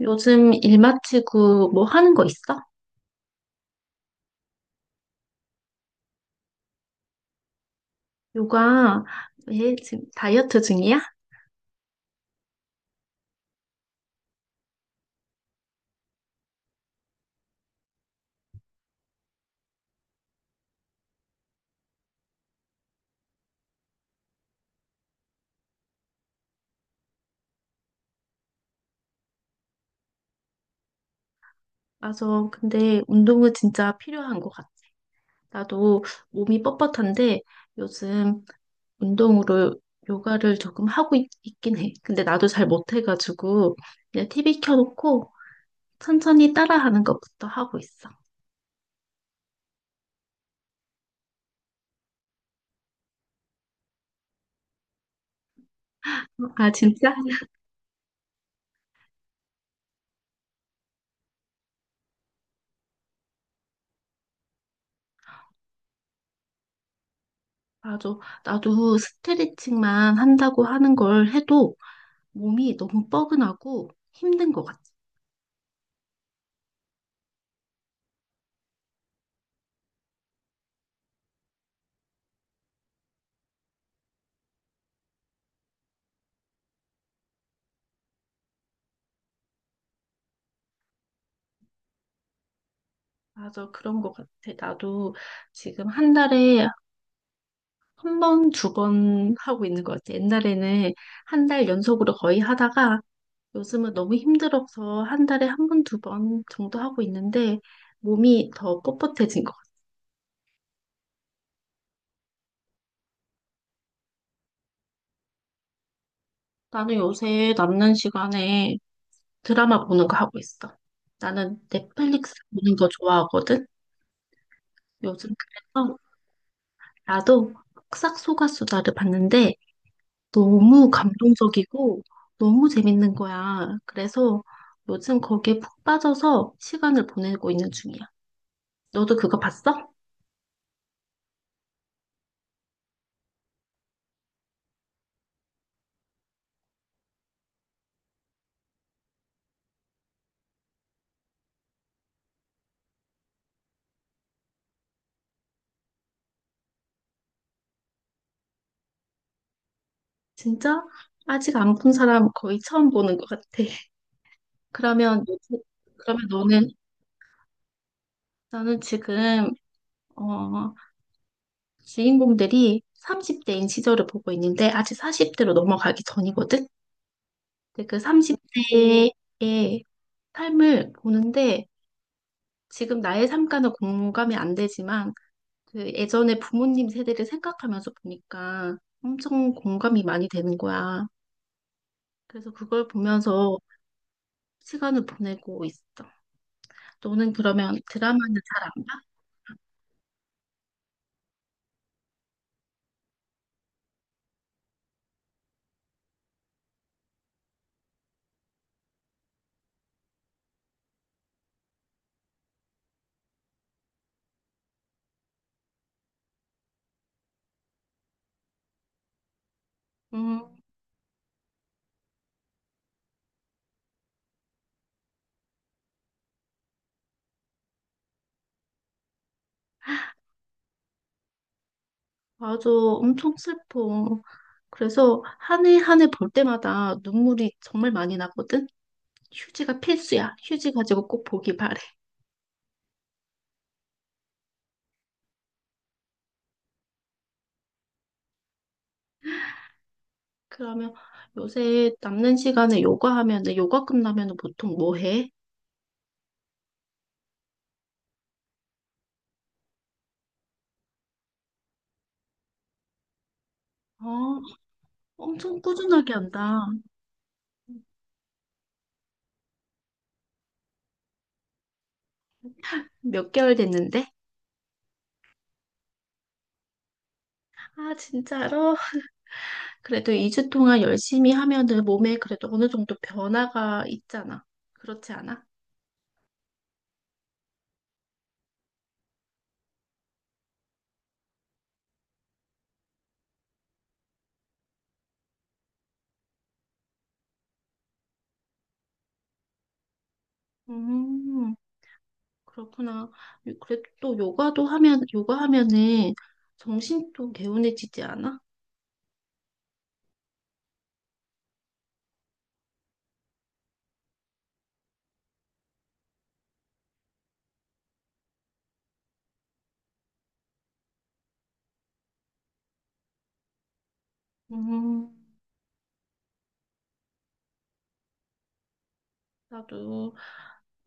요즘 일 마치고 뭐 하는 거 있어? 요가. 왜 지금 다이어트 중이야? 맞아. 근데 운동은 진짜 필요한 것 같아. 나도 몸이 뻣뻣한데 요즘 운동으로 요가를 조금 긴 해. 근데 나도 잘 못해가지고 그냥 TV 켜놓고 천천히 따라하는 것부터 하고 있어. 아, 진짜? 맞아. 나도 스트레칭만 한다고 하는 걸 해도 몸이 너무 뻐근하고 힘든 것 같아. 맞아, 그런 것 같아. 나도 지금 한 달에 한 번, 두 번 하고 있는 것 같아. 옛날에는 한 달 연속으로 거의 하다가 요즘은 너무 힘들어서 한 달에 한 번, 두 번 정도 하고 있는데 몸이 더 뻣뻣해진 것 같아. 나는 요새 남는 시간에 드라마 보는 거 하고 있어. 나는 넷플릭스 보는 거 좋아하거든. 요즘 그래서 나도 흑삭소가수다를 봤는데 너무 감동적이고 너무 재밌는 거야. 그래서 요즘 거기에 푹 빠져서 시간을 보내고 있는 중이야. 너도 그거 봤어? 진짜? 아직 안 본 사람 거의 처음 보는 것 같아. 그러면, 요즘- 그러면 나는 지금, 어, 주인공들이 30대인 시절을 보고 있는데 아직 40대로 넘어가기 전이거든? 근데 그 30대의 삶을 보는데 지금 나의 삶과는 공감이 안 되지만 그 예전에 부모님 세대를 생각하면서 보니까 엄청 공감이 많이 되는 거야. 그래서 그걸 보면서 시간을 보내고 있어. 너는 그러면 드라마는 잘 안 봐? 음. 맞아. 엄청 슬퍼. 그래서 한 해 한 해 볼 때마다 눈물이 정말 많이 나거든? 휴지가 필수야. 휴지 가지고 꼭 보기 바래. 그러면 요새 남는 시간에 요가 하면은 요가 끝나면은 보통 뭐 해? 어, 엄청 꾸준하게 한다. 몇 개월 됐는데? 아, 진짜로? 그래도 2주 동안 열심히 하면은 몸에 그래도 어느 정도 변화가 있잖아. 그렇지 않아? 음, 그렇구나. 그래도 또 요가도 하면, 요가 하면은 정신도 개운해지지 않아? 음, 나도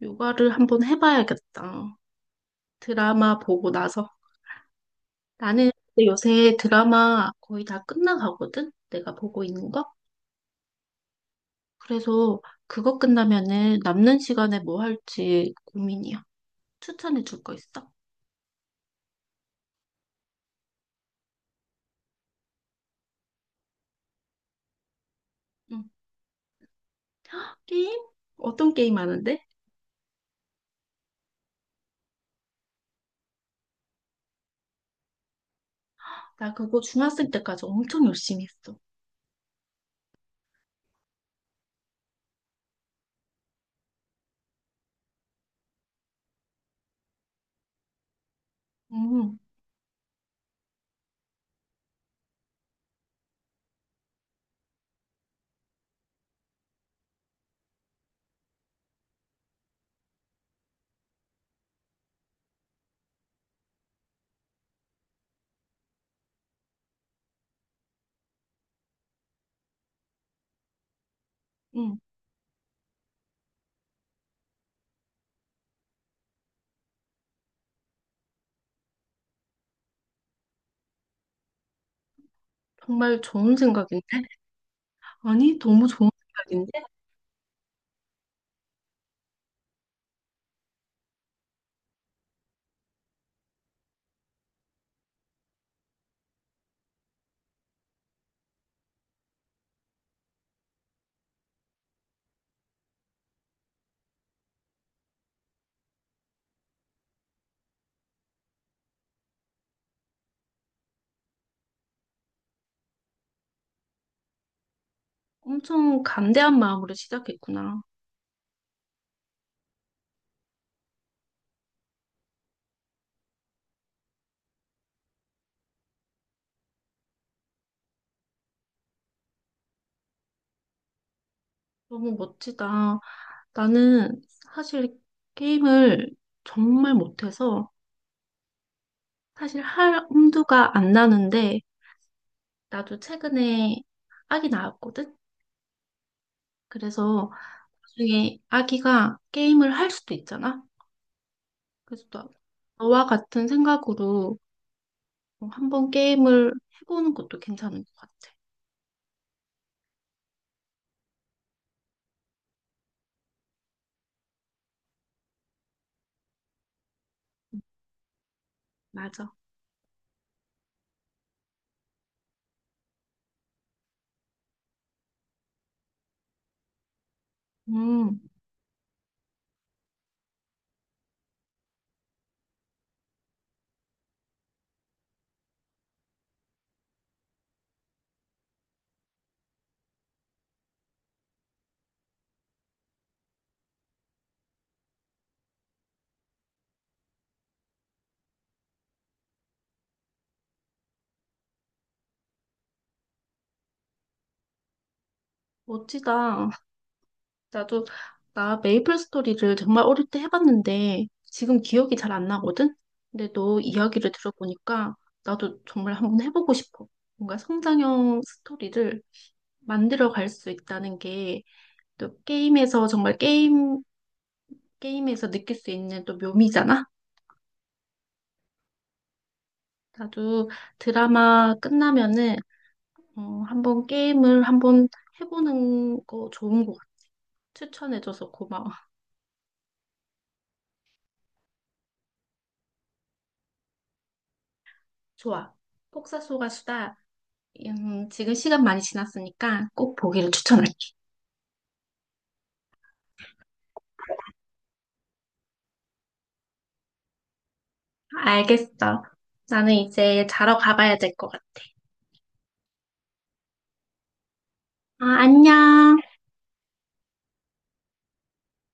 요가를 한번 해봐야겠다. 드라마 보고 나서. 나는 근데 요새 드라마 거의 다 끝나가거든? 내가 보고 있는 거? 그래서 그거 끝나면은 남는 시간에 뭐 할지 고민이야. 추천해 줄 거 있어? 응. 게임? 어떤 게임 하는데? 나 그거 중학생 때까지 엄청 열심히 했어. 응, 응. 정말 좋은 생각인데? 아니, 너무 좋은 생각인데? 엄청 간대한 마음으로 시작했구나. 너무 멋지다. 나는 사실 게임을 정말 못해서 사실 할 엄두가 안 나는데 나도 최근에 아기 낳았거든? 그래서 나중에 아기가 게임을 할 수도 있잖아? 그래서 너와 같은 생각으로 한번 게임을 해보는 것도 괜찮은 것 같아. 맞아. 음, 멋지다. 나도 나 메이플 스토리를 정말 어릴 때 해봤는데 지금 기억이 잘 안 나거든? 근데 너 이야기를 들어보니까 나도 정말 한번 해보고 싶어. 뭔가 성장형 스토리를 만들어 갈 수 있다는 게 또 게임에서 게임에서 느낄 수 있는 또 묘미잖아? 나도 드라마 끝나면은 한번 게임을 한번 해보는 거 좋은 것 같아. 추천해줘서 고마워. 좋아. 폭삭 속가수다. 지금 시간 많이 지났으니까 꼭 보기를 추천할게. 알겠어. 나는 이제 자러 가봐야 될 것 같아. 아, 안녕.